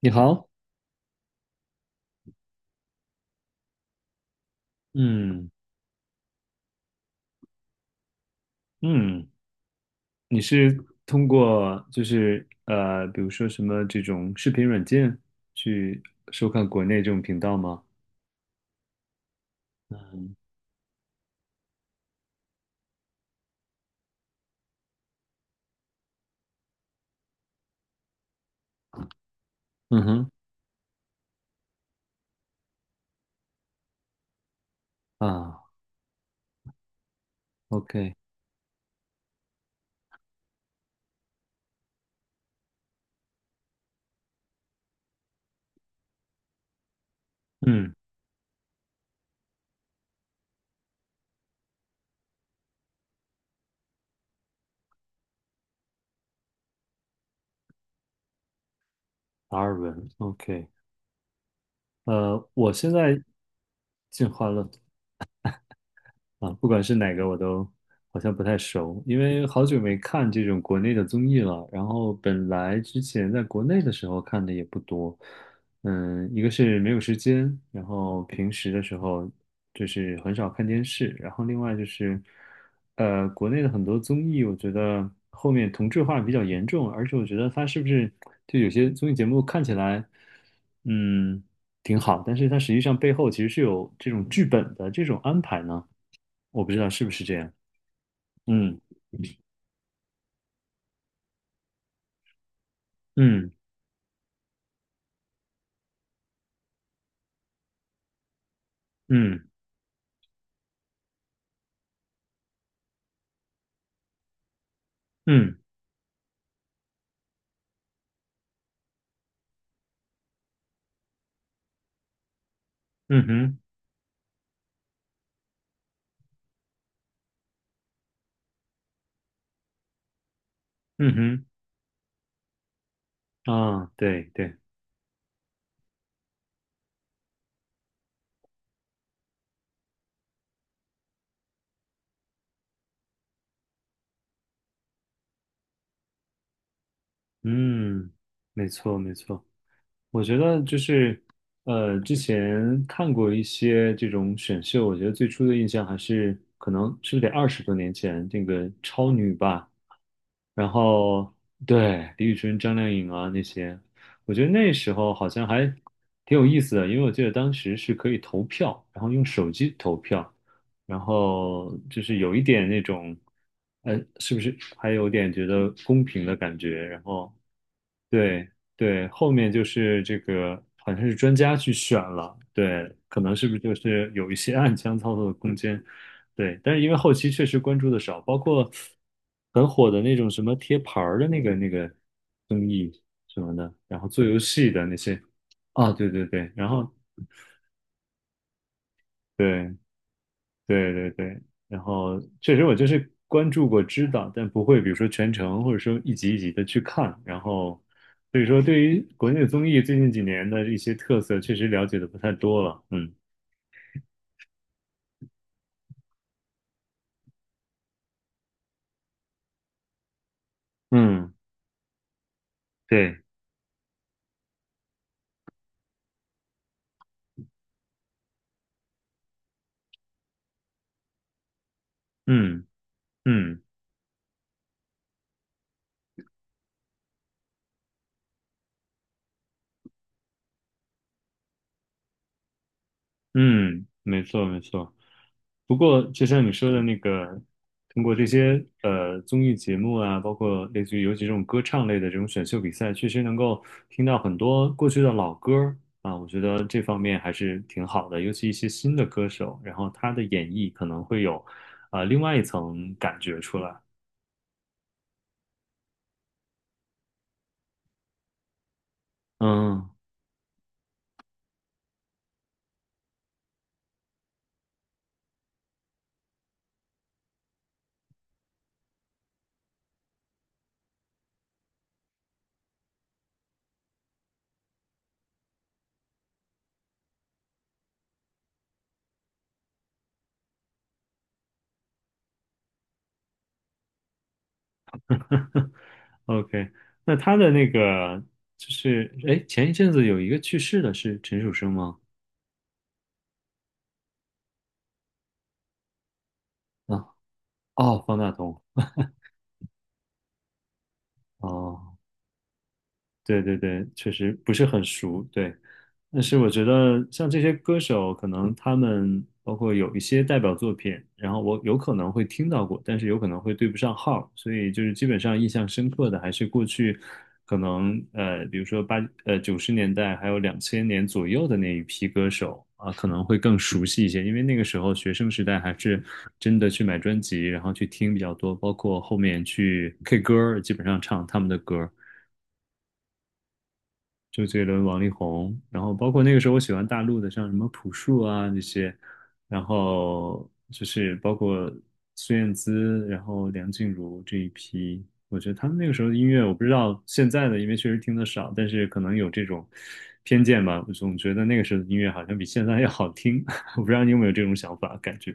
你好。嗯。嗯，你是通过比如说什么这种视频软件去收看国内这种频道吗？嗯哼。啊，OK。嗯。达尔文，OK。我现在进化论。啊，不管是哪个我都好像不太熟，因为好久没看这种国内的综艺了。然后本来之前在国内的时候看的也不多。嗯，一个是没有时间，然后平时的时候就是很少看电视，然后另外就是，国内的很多综艺，我觉得后面同质化比较严重，而且我觉得它是不是就有些综艺节目看起来，嗯，挺好，但是它实际上背后其实是有这种剧本的这种安排呢，我不知道是不是这样。嗯嗯。嗯。嗯。嗯哼。嗯哼。啊，对对。嗯，没错没错。我觉得之前看过一些这种选秀，我觉得最初的印象还是可能是不是得二十多年前这个超女吧。然后对，李宇春、张靓颖啊那些，我觉得那时候好像还挺有意思的，因为我记得当时是可以投票，然后用手机投票，然后就是有一点那种，是不是还有点觉得公平的感觉？然后对对，后面就是这个，好像是专家去选了。对，可能是不是就是有一些暗箱操作的空间。对，但是因为后期确实关注的少，包括很火的那种什么贴牌儿的那个综艺什么的，然后做游戏的那些。啊，对对对。然后对对对对，然后确实我就是关注过、知道，但不会比如说全程或者说一集一集的去看。然后，所以说对于国内的综艺最近几年的一些特色，确实了解的不太多了。嗯。嗯，对。嗯。嗯。嗯，没错没错。不过，就像你说的那个，通过这些综艺节目啊，包括类似于尤其这种歌唱类的这种选秀比赛，确实能够听到很多过去的老歌儿啊，我觉得这方面还是挺好的。尤其一些新的歌手，然后他的演绎可能会有另外一层感觉出来。嗯 ，OK。那他的那个就是，哎，前一阵子有一个去世的是陈楚生吗？啊，哦，方大同。哦，对对对，确实不是很熟，对。但是我觉得像这些歌手，可能他们包括有一些代表作品，然后我有可能会听到过，但是有可能会对不上号，所以就是基本上印象深刻的还是过去可能比如说九十年代还有两千年左右的那一批歌手啊，可能会更熟悉一些，因为那个时候学生时代还是真的去买专辑，然后去听比较多，包括后面去 K 歌儿，基本上唱他们的歌。周杰伦、王力宏，然后包括那个时候我喜欢大陆的，像什么朴树啊那些，然后就是包括孙燕姿，然后梁静茹这一批，我觉得他们那个时候的音乐，我不知道现在的，因为确实听得少，但是可能有这种偏见吧，我总觉得那个时候的音乐好像比现在要好听。我不知道你有没有这种想法感觉？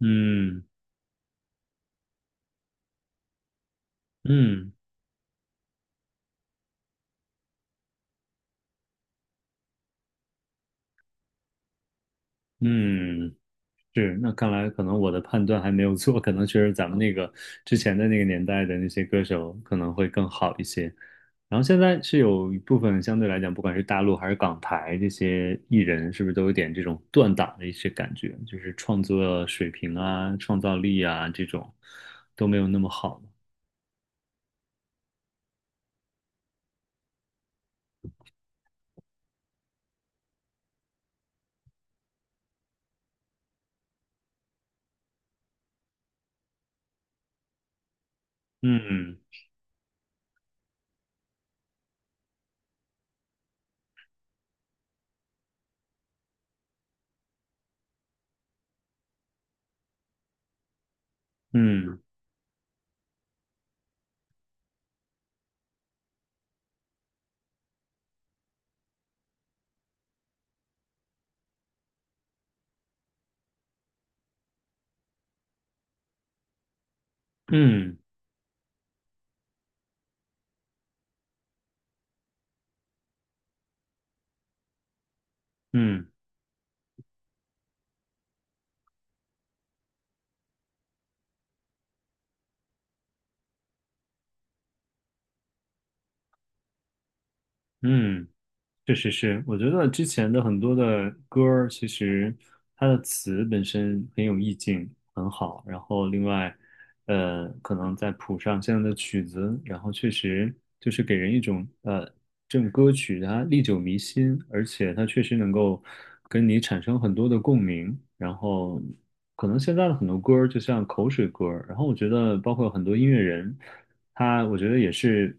嗯。嗯。嗯。是，那看来可能我的判断还没有错，可能确实咱们那个之前的那个年代的那些歌手可能会更好一些。然后现在是有一部分相对来讲，不管是大陆还是港台这些艺人，是不是都有点这种断档的一些感觉，就是创作水平啊、创造力啊这种都没有那么好了。嗯。嗯。嗯。嗯。嗯。嗯。确实是，我觉得之前的很多的歌儿，其实它的词本身很有意境，很好。然后另外，可能再谱上现在的曲子，然后确实就是给人一种,这种歌曲它历久弥新，而且它确实能够跟你产生很多的共鸣。然后可能现在的很多歌儿就像口水歌儿，然后我觉得包括很多音乐人，他我觉得也是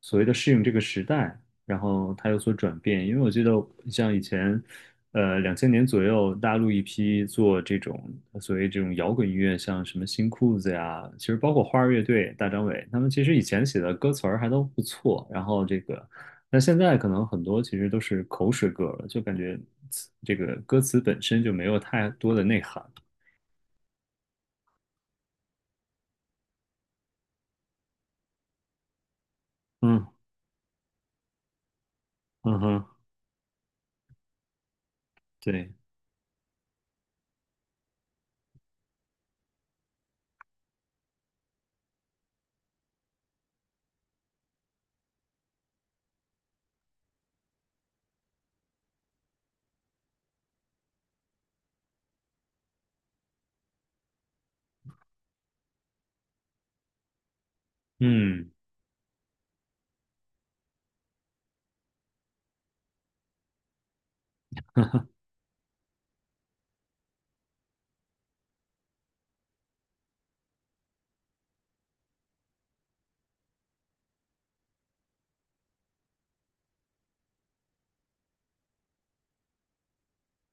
所谓的适应这个时代。然后它有所转变。因为我记得像以前，两千年左右，大陆一批做这种所谓这种摇滚音乐，像什么新裤子呀，其实包括花儿乐队、大张伟，他们其实以前写的歌词儿还都不错。然后这个，那现在可能很多其实都是口水歌了，就感觉词这个歌词本身就没有太多的内涵。嗯。嗯哼。对。嗯。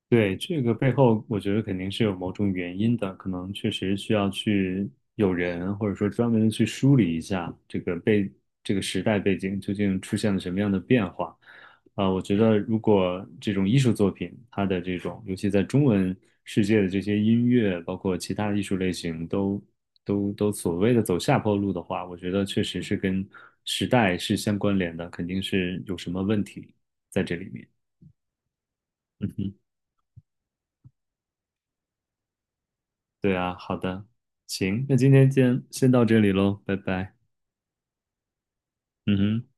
对，这个背后，我觉得肯定是有某种原因的，可能确实需要去有人，或者说专门的去梳理一下这个这个时代背景究竟出现了什么样的变化。啊、我觉得如果这种艺术作品，它的这种，尤其在中文世界的这些音乐，包括其他的艺术类型都所谓的走下坡路的话，我觉得确实是跟时代是相关联的，肯定是有什么问题在这里面。对啊，好的。行，那今天先到这里喽，拜拜。嗯哼。